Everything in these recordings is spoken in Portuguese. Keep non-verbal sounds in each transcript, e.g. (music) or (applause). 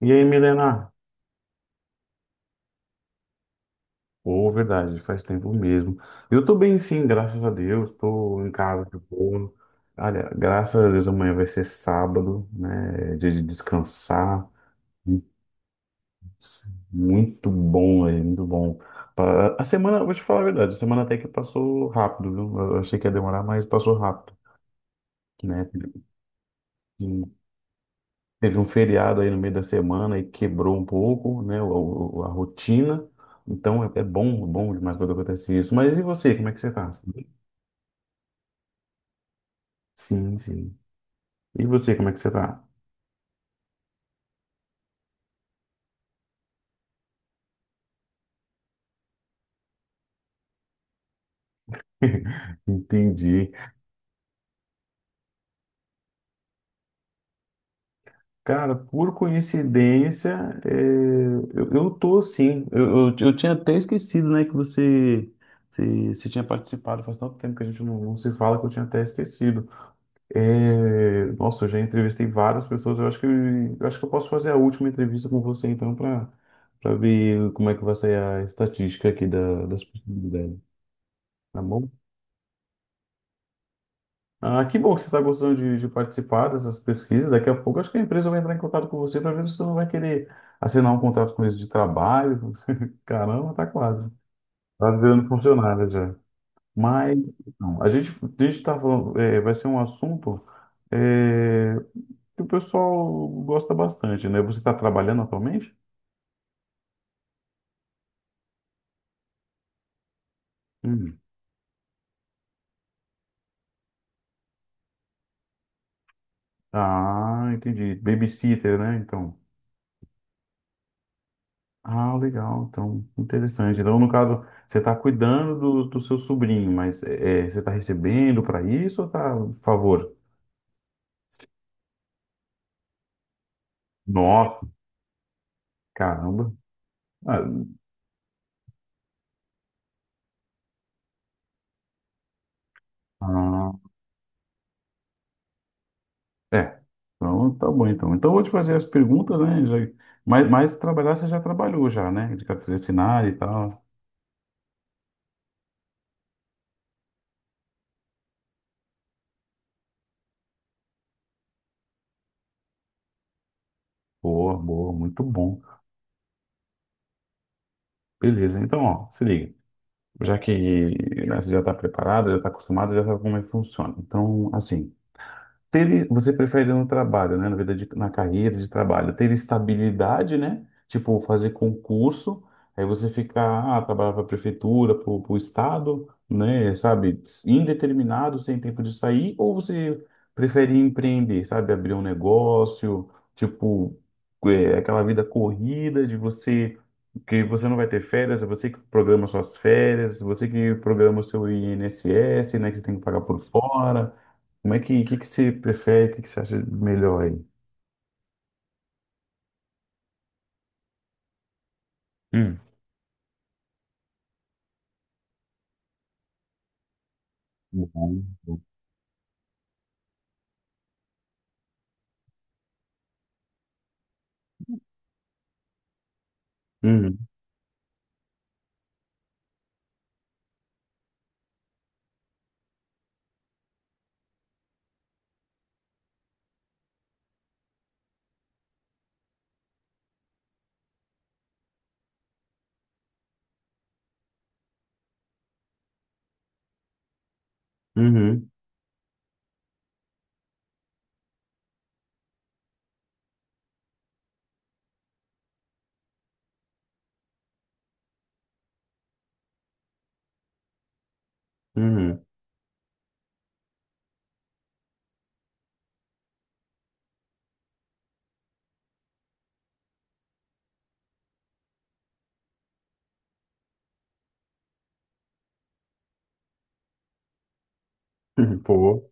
E aí, Milena? Pô, verdade, faz tempo mesmo. Eu tô bem, sim, graças a Deus. Tô em casa de boa. Olha, graças a Deus amanhã vai ser sábado, né? Dia de descansar. Putz, muito bom, velho, muito bom. A semana, vou te falar a verdade, a semana até que passou rápido, viu? Eu achei que ia demorar, mas passou rápido, né? Teve um feriado aí no meio da semana e quebrou um pouco, né, a rotina. Então é bom, bom demais quando acontece isso. Mas e você, como é que você tá? Sim, sim. E você, como é que você tá? (laughs) Entendi. Cara, por coincidência, é, eu tô sim. Eu tinha até esquecido, né, que você tinha participado. Faz tanto tempo que a gente não se fala que eu tinha até esquecido. É, nossa, eu já entrevistei várias pessoas. Eu acho que eu posso fazer a última entrevista com você, então, para ver como é que vai sair a estatística aqui da, das possibilidades, tá bom? Ah, que bom que você está gostando de participar dessas pesquisas. Daqui a pouco, eu acho que a empresa vai entrar em contato com você para ver se você não vai querer assinar um contrato com eles de trabalho. (laughs) Caramba, tá quase. Tá virando funcionário já. Mas não, a gente está falando, vai ser um assunto. é, que o pessoal gosta bastante, né? Você está trabalhando atualmente? Hum. Ah, entendi. Babysitter, né? Então. Ah, legal. Então, interessante. Então, no caso, você está cuidando do seu sobrinho, mas você está recebendo para isso ou está a favor? Nossa, caramba. Ah, ah, é. Então, tá bom, então. Então, eu vou te fazer as perguntas, né? Já, mas trabalhar você já trabalhou já, né? De carteira assinada e tal. Boa, boa, muito bom. Beleza, então, ó, se liga. Já que, né, você já está preparado, já está acostumado, já sabe como é que funciona. Então, assim, você prefere no trabalho, né? Na vida na carreira de trabalho, ter estabilidade, né? Tipo, fazer concurso, aí você ficar, trabalhar para a prefeitura, para o estado, né? Sabe, indeterminado, sem tempo de sair, ou você prefere empreender, sabe, abrir um negócio, tipo, aquela vida corrida de você que você não vai ter férias, é você que programa suas férias, você que programa o seu INSS, né, que você tem que pagar por fora. Como é que você prefere, o que você acha melhor aí? Hum. Uhum, uhum, uhum, uhum. (laughs) Pô,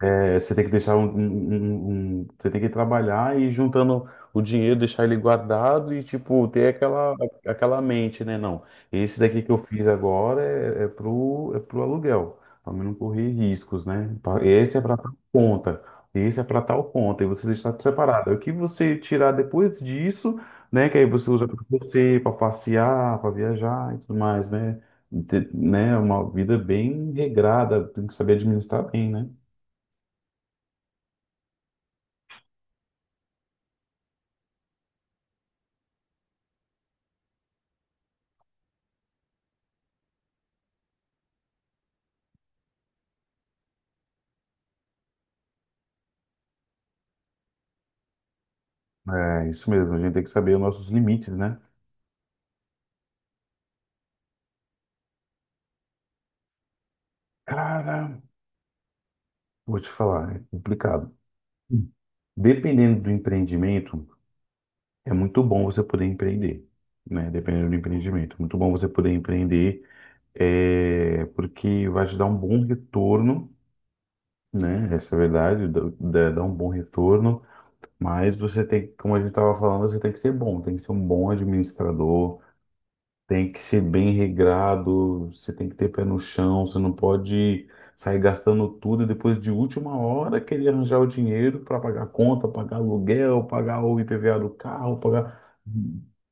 é, você tem que deixar você tem que trabalhar e ir juntando o dinheiro, deixar ele guardado e tipo ter aquela mente, né? Não, esse daqui que eu fiz agora é pro aluguel, para não correr riscos, né? Esse é para tal conta, esse é para tal conta e você deixar separado. Aí o que você tirar depois disso, né? Que aí você usa para você, para passear, para viajar e tudo mais, né? Né? Uma vida bem regrada, tem que saber administrar bem, né? É isso mesmo, a gente tem que saber os nossos limites, né? Cara, vou te falar, é complicado. Dependendo do empreendimento, é muito bom você poder empreender, né? Dependendo do empreendimento, é muito bom você poder empreender, porque vai te dar um bom retorno, né? Essa é a verdade, dá um bom retorno, mas você tem, como a gente estava falando, você tem que ser bom, tem que ser um bom administrador, tem que ser bem regrado, você tem que ter pé no chão, você não pode sair gastando tudo e depois de última hora querer arranjar o dinheiro para pagar conta, pagar aluguel, pagar o IPVA do carro, pagar.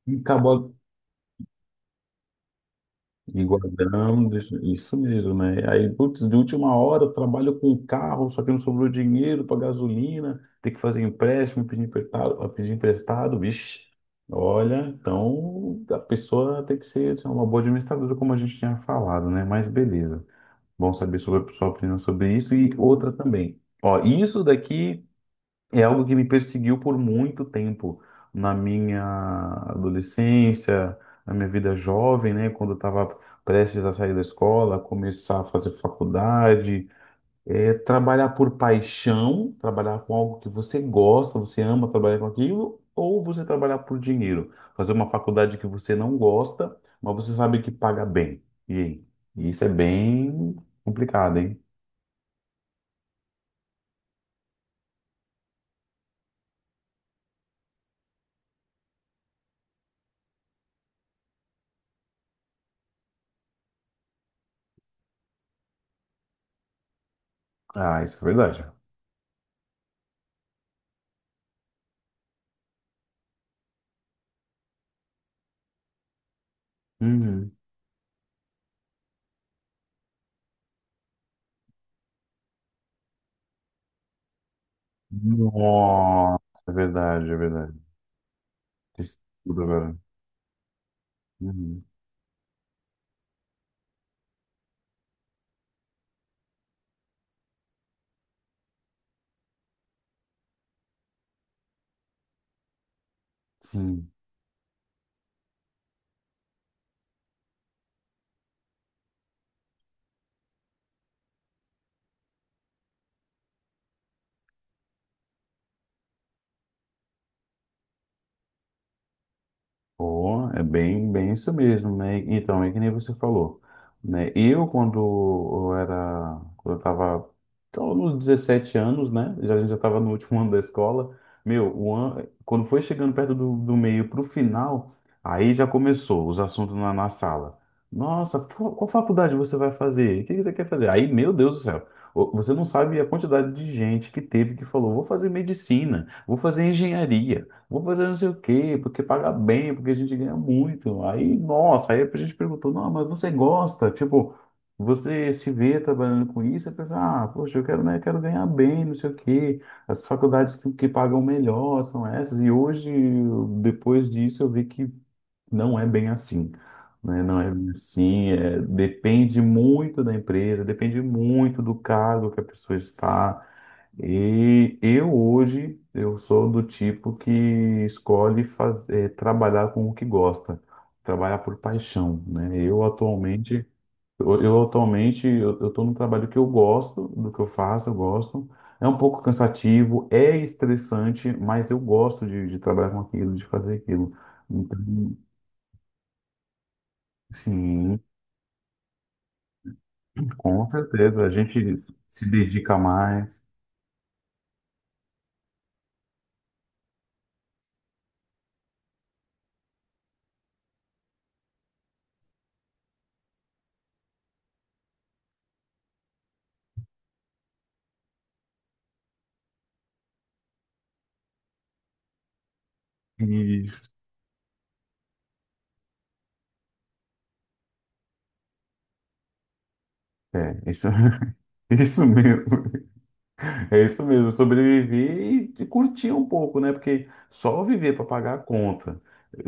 E acabou, e guardamos, isso mesmo, né? Aí, putz, de última hora, eu trabalho com carro, só que não sobrou dinheiro para gasolina, tem que fazer empréstimo, pedir emprestado, vixe. Olha, então a pessoa tem que ser assim, uma boa administradora, como a gente tinha falado, né? Mas beleza. Bom saber sobre a sua opinião sobre isso. E outra também. Ó, isso daqui. É algo que me perseguiu por muito tempo, na minha adolescência, na minha vida jovem, né? Quando eu estava prestes a sair da escola, começar a fazer faculdade, trabalhar por paixão, trabalhar com algo que você gosta, você ama trabalhar com aquilo, ou você trabalhar por dinheiro, fazer uma faculdade que você não gosta, mas você sabe que paga bem. E aí? Isso é bem complicado, hein? Ah, isso é verdade. Uhum. Nossa, é verdade, é verdade. Isso tudo agora. Uhum. Sim. Pô, é bem, bem isso mesmo, né? Então, é que nem você falou, né? Eu, quando eu era, quando eu tava, então, nos 17 anos, né? Já, a gente já tava no último (laughs) ano da escola, meu, o ano, quando foi chegando perto do meio pro final, aí já começou os assuntos na sala. Nossa, qual faculdade você vai fazer? O que que você quer fazer? Aí, meu Deus do céu, você não sabe a quantidade de gente que teve que falou, vou fazer medicina, vou fazer engenharia, vou fazer não sei o quê, porque paga bem, porque a gente ganha muito. Aí, nossa, aí a gente perguntou, não, mas você gosta? Tipo, você se vê trabalhando com isso, e pensa, ah, poxa, eu quero, né, quero ganhar bem, não sei o quê. As faculdades que pagam melhor são essas. E hoje, depois disso, eu vi que não é bem assim. Né? Não é bem assim, depende muito da empresa, depende muito do cargo que a pessoa está. E eu hoje eu sou do tipo que escolhe fazer, trabalhar com o que gosta, trabalhar por paixão, né? Eu atualmente eu tô num trabalho que eu gosto do que eu faço, eu gosto. É um pouco cansativo, é estressante, mas eu gosto de trabalhar com aquilo, de fazer aquilo. Então, sim, com certeza a gente se dedica mais e é isso, (laughs) isso mesmo. É isso mesmo, sobreviver e, curtir um pouco, né? Porque só viver para pagar a conta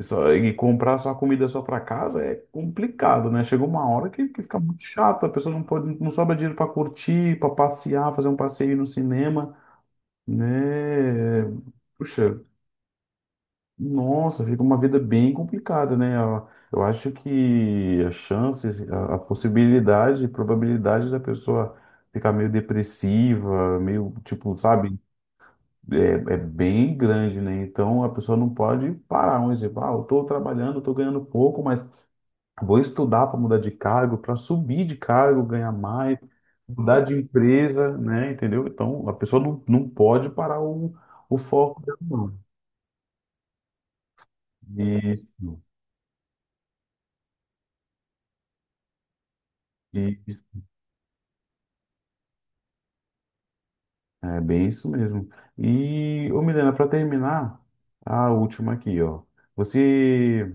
e comprar só a comida só para casa é complicado, né? Chega uma hora que fica muito chato, a pessoa não pode, não sobra dinheiro para curtir, para passear, fazer um passeio no cinema, né? Puxa, nossa, fica uma vida bem complicada, né? Eu acho que as chances, a possibilidade, a probabilidade da pessoa ficar meio depressiva, meio tipo, sabe? É bem grande, né? Então a pessoa não pode parar. Um exemplo, ah, eu estou trabalhando, estou ganhando pouco, mas vou estudar para mudar de cargo, para subir de cargo, ganhar mais, mudar de empresa, né? Entendeu? Então a pessoa não pode parar o foco dela, não. Isso, isso. É bem isso mesmo. E, ô Milena, para terminar, a última aqui, ó. Você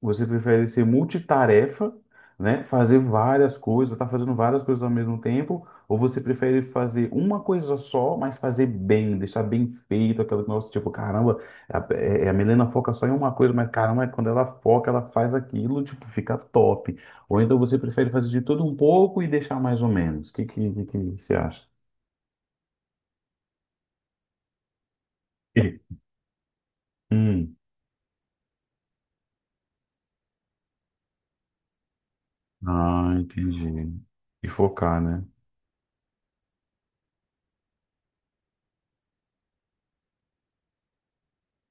Você prefere ser multitarefa, né? Fazer várias coisas, tá fazendo várias coisas ao mesmo tempo, ou você prefere fazer uma coisa só, mas fazer bem, deixar bem feito, aquela que, nossa, tipo, caramba, a Milena foca só em uma coisa, mas caramba, é quando ela foca, ela faz aquilo, tipo, fica top. Ou então você prefere fazer de tudo um pouco e deixar mais ou menos. O que você acha? E- Hum. Ah, entendi. E focar, né?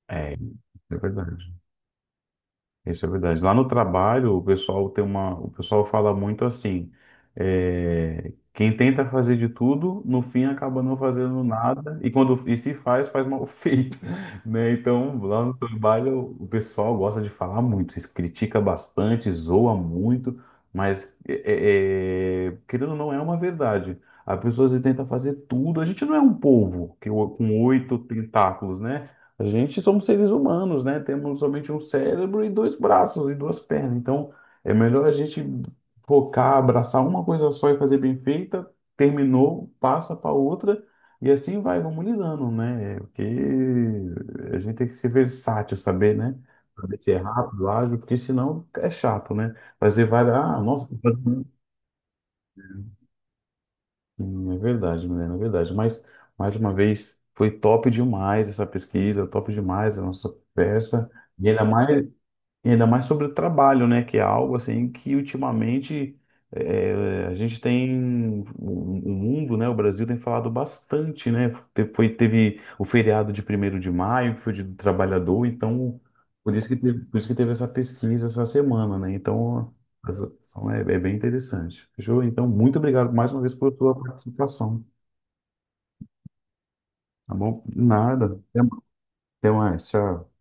É verdade. Isso é verdade. Lá no trabalho, o pessoal fala muito assim, quem tenta fazer de tudo, no fim acaba não fazendo nada, e quando e se faz, mal (laughs) feito, né? Então, lá no trabalho, o pessoal gosta de falar muito, se critica bastante, zoa muito, mas querendo ou não é uma verdade. A pessoa se tenta fazer tudo. A gente não é um polvo que com oito tentáculos, né? A gente somos seres humanos, né? Temos somente um cérebro e dois braços e duas pernas. Então, é melhor a gente focar, abraçar uma coisa só e fazer bem feita. Terminou, passa para outra e assim vai, vamos lidando, né? Porque a gente tem que ser versátil, saber, né? Saber ser rápido, ágil, porque senão é chato, né? Fazer várias. Ah, nossa, hum, é verdade, Milena, é verdade. Mas, mais uma vez, foi top demais essa pesquisa, top demais a nossa conversa. E ainda mais, e ainda mais sobre o trabalho, né? Que é algo assim que ultimamente, eh, a gente tem, o mundo, né? O Brasil tem falado bastante, né? Teve o feriado de primeiro de maio, que foi o Dia do Trabalhador, então por isso que teve essa pesquisa essa semana, né? Então é bem interessante. Fechou? Então, muito obrigado mais uma vez por sua participação, tá bom? Nada. Até mais. Tchau.